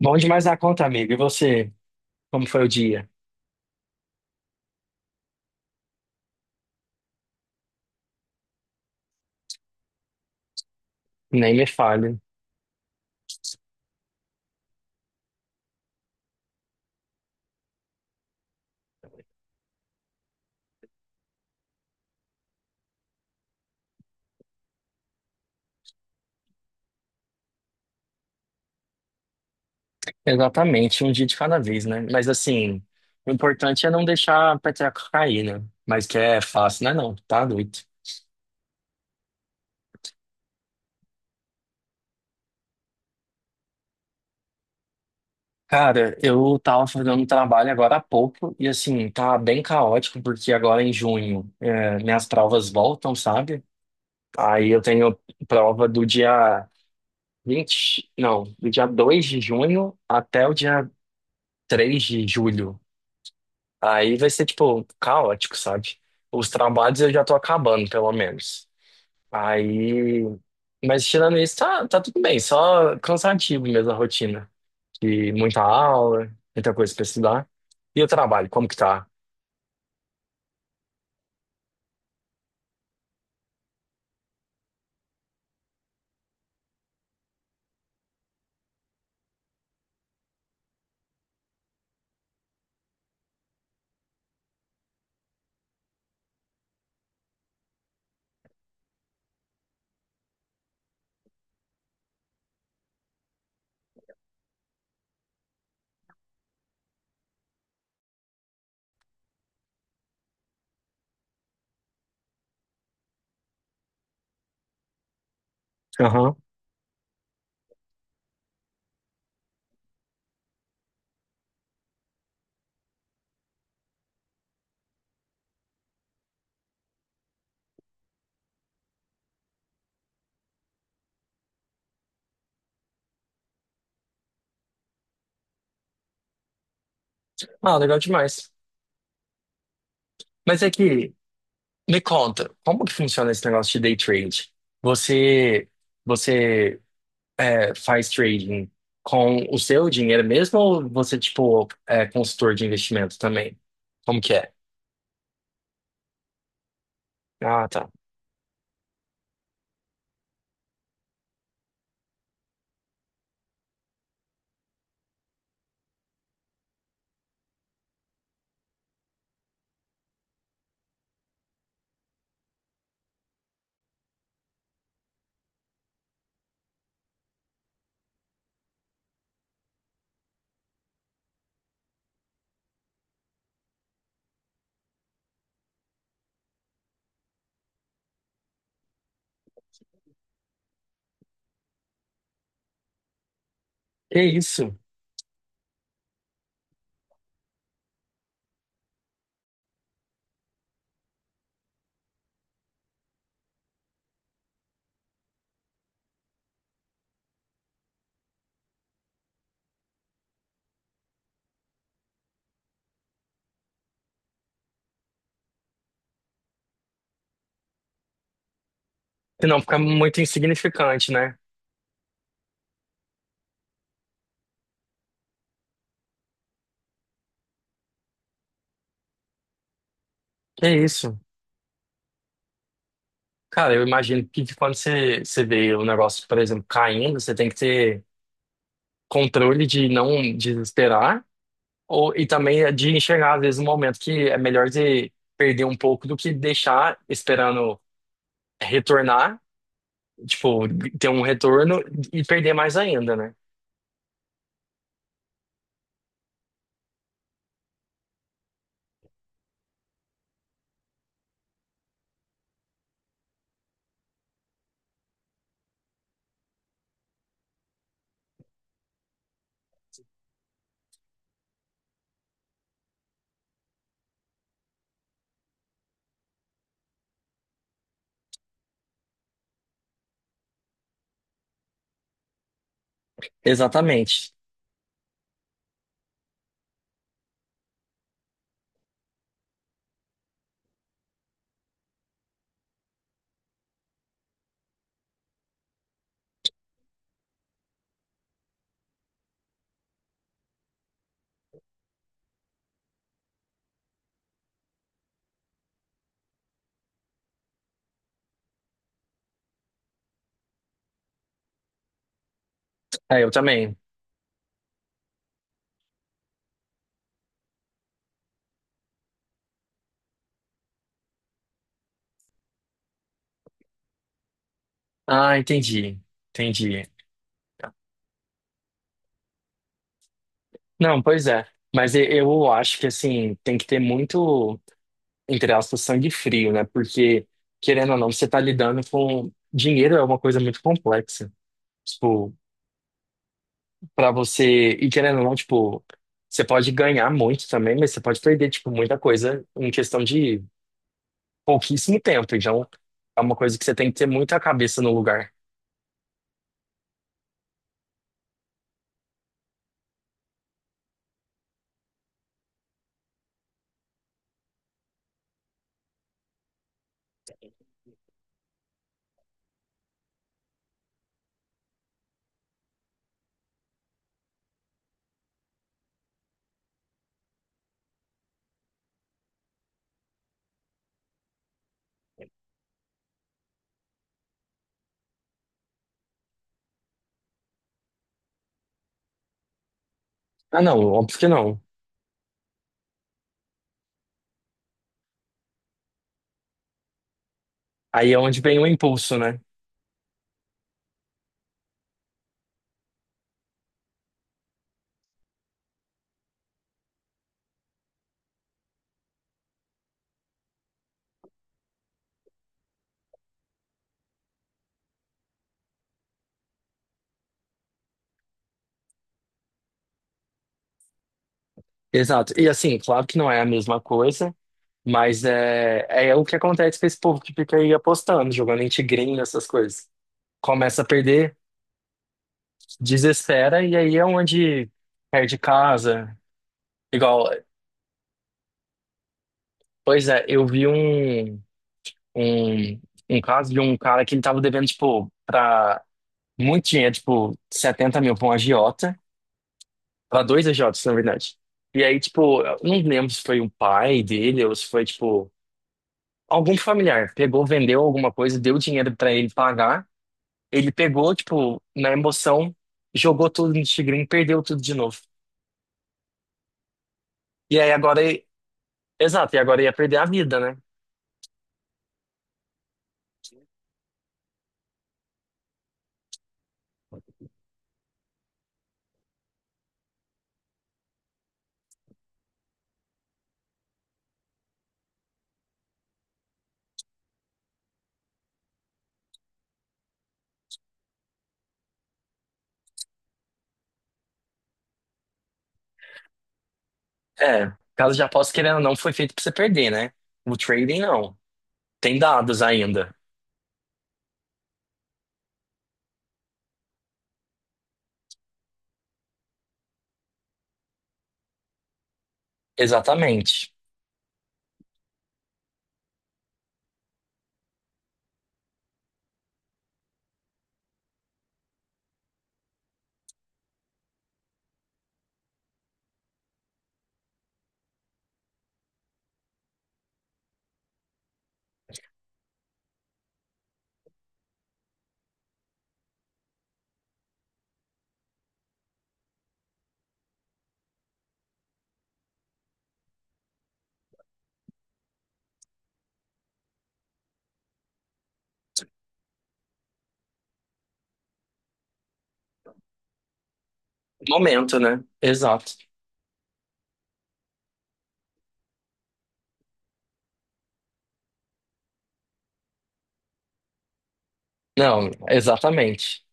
Bom demais na conta, amigo. E você? Como foi o dia? Nem me fale. Exatamente, um dia de cada vez, né? Mas assim, o importante é não deixar a peteca cair, né? Mas que é fácil, né? Não, tá doido. Cara, eu tava fazendo um trabalho agora há pouco e assim, tá bem caótico porque agora em junho minhas provas voltam, sabe? Aí eu tenho prova do dia 20, não, do dia 2 de junho até o dia 3 de julho. Aí vai ser, tipo, caótico, sabe? Os trabalhos eu já tô acabando, pelo menos. Aí. Mas tirando isso, tá tudo bem. Só cansativo mesmo a rotina. E muita aula, muita coisa pra estudar. E o trabalho, como que tá? Aham. Ah, legal demais. Mas é que, me conta, como que funciona esse negócio de day trade? Você. Você faz trading com o seu dinheiro mesmo ou você, tipo, é consultor de investimento também? Como que é? Ah, tá. Que isso? Se não fica muito insignificante, né? Que isso? Cara, eu imagino que de quando você vê o negócio, por exemplo, caindo, você tem que ter controle de não desesperar ou, e também é de enxergar, às vezes, um momento que é melhor de perder um pouco do que deixar esperando retornar, tipo, ter um retorno e perder mais ainda, né? Exatamente. É, eu também. Ah, entendi. Entendi. Não, pois é. Mas eu acho que, assim, tem que ter muito, entre aspas, sangue frio, né? Porque, querendo ou não, você tá lidando com. Dinheiro é uma coisa muito complexa. Tipo, pra você. E querendo ou não, tipo, você pode ganhar muito também, mas você pode perder, tipo, muita coisa em questão de pouquíssimo tempo. Então, é uma coisa que você tem que ter muita cabeça no lugar. Ah, não, óbvio que não. Aí é onde vem o impulso, né? Exato. E assim, claro que não é a mesma coisa, mas é o que acontece com esse povo que fica aí apostando, jogando em tigrinho, essas coisas. Começa a perder, desespera, e aí é onde perde casa. Igual, pois é, eu vi um, um caso de um cara que ele tava devendo, tipo, pra muito dinheiro, tipo, 70 mil pra um agiota, pra dois agiotas, na verdade. E aí, tipo, eu não lembro se foi um pai dele ou se foi, tipo. Algum familiar pegou, vendeu alguma coisa, deu dinheiro pra ele pagar. Ele pegou, tipo, na emoção, jogou tudo no tigrinho, perdeu tudo de novo. E aí agora, exato, e agora ia perder a vida, né? É, casa de aposta, querendo ou não, foi feito pra você perder, né? O trading não. Tem dados ainda. Exatamente. Momento, né? Exato. Não, exatamente.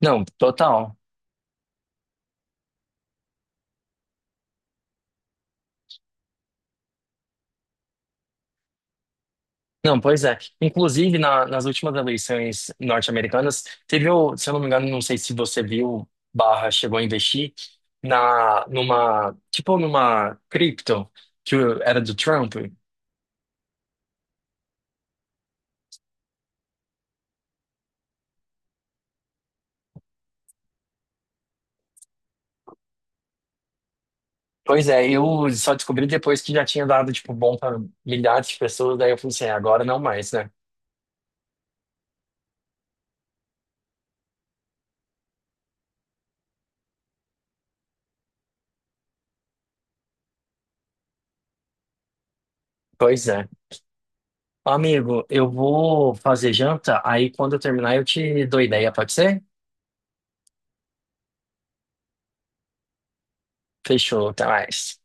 Não, total. Não, pois é. Inclusive, nas últimas eleições norte-americanas, teve, se eu não me engano, não sei se você viu, barra, chegou a investir numa, tipo, numa cripto que era do Trump. Pois é, eu só descobri depois que já tinha dado, tipo, bom para milhares de pessoas, daí eu falei assim, "É, agora não mais, né? Pois é. Amigo, eu vou fazer janta, aí quando eu terminar eu te dou ideia, pode ser? Fechou, até mais.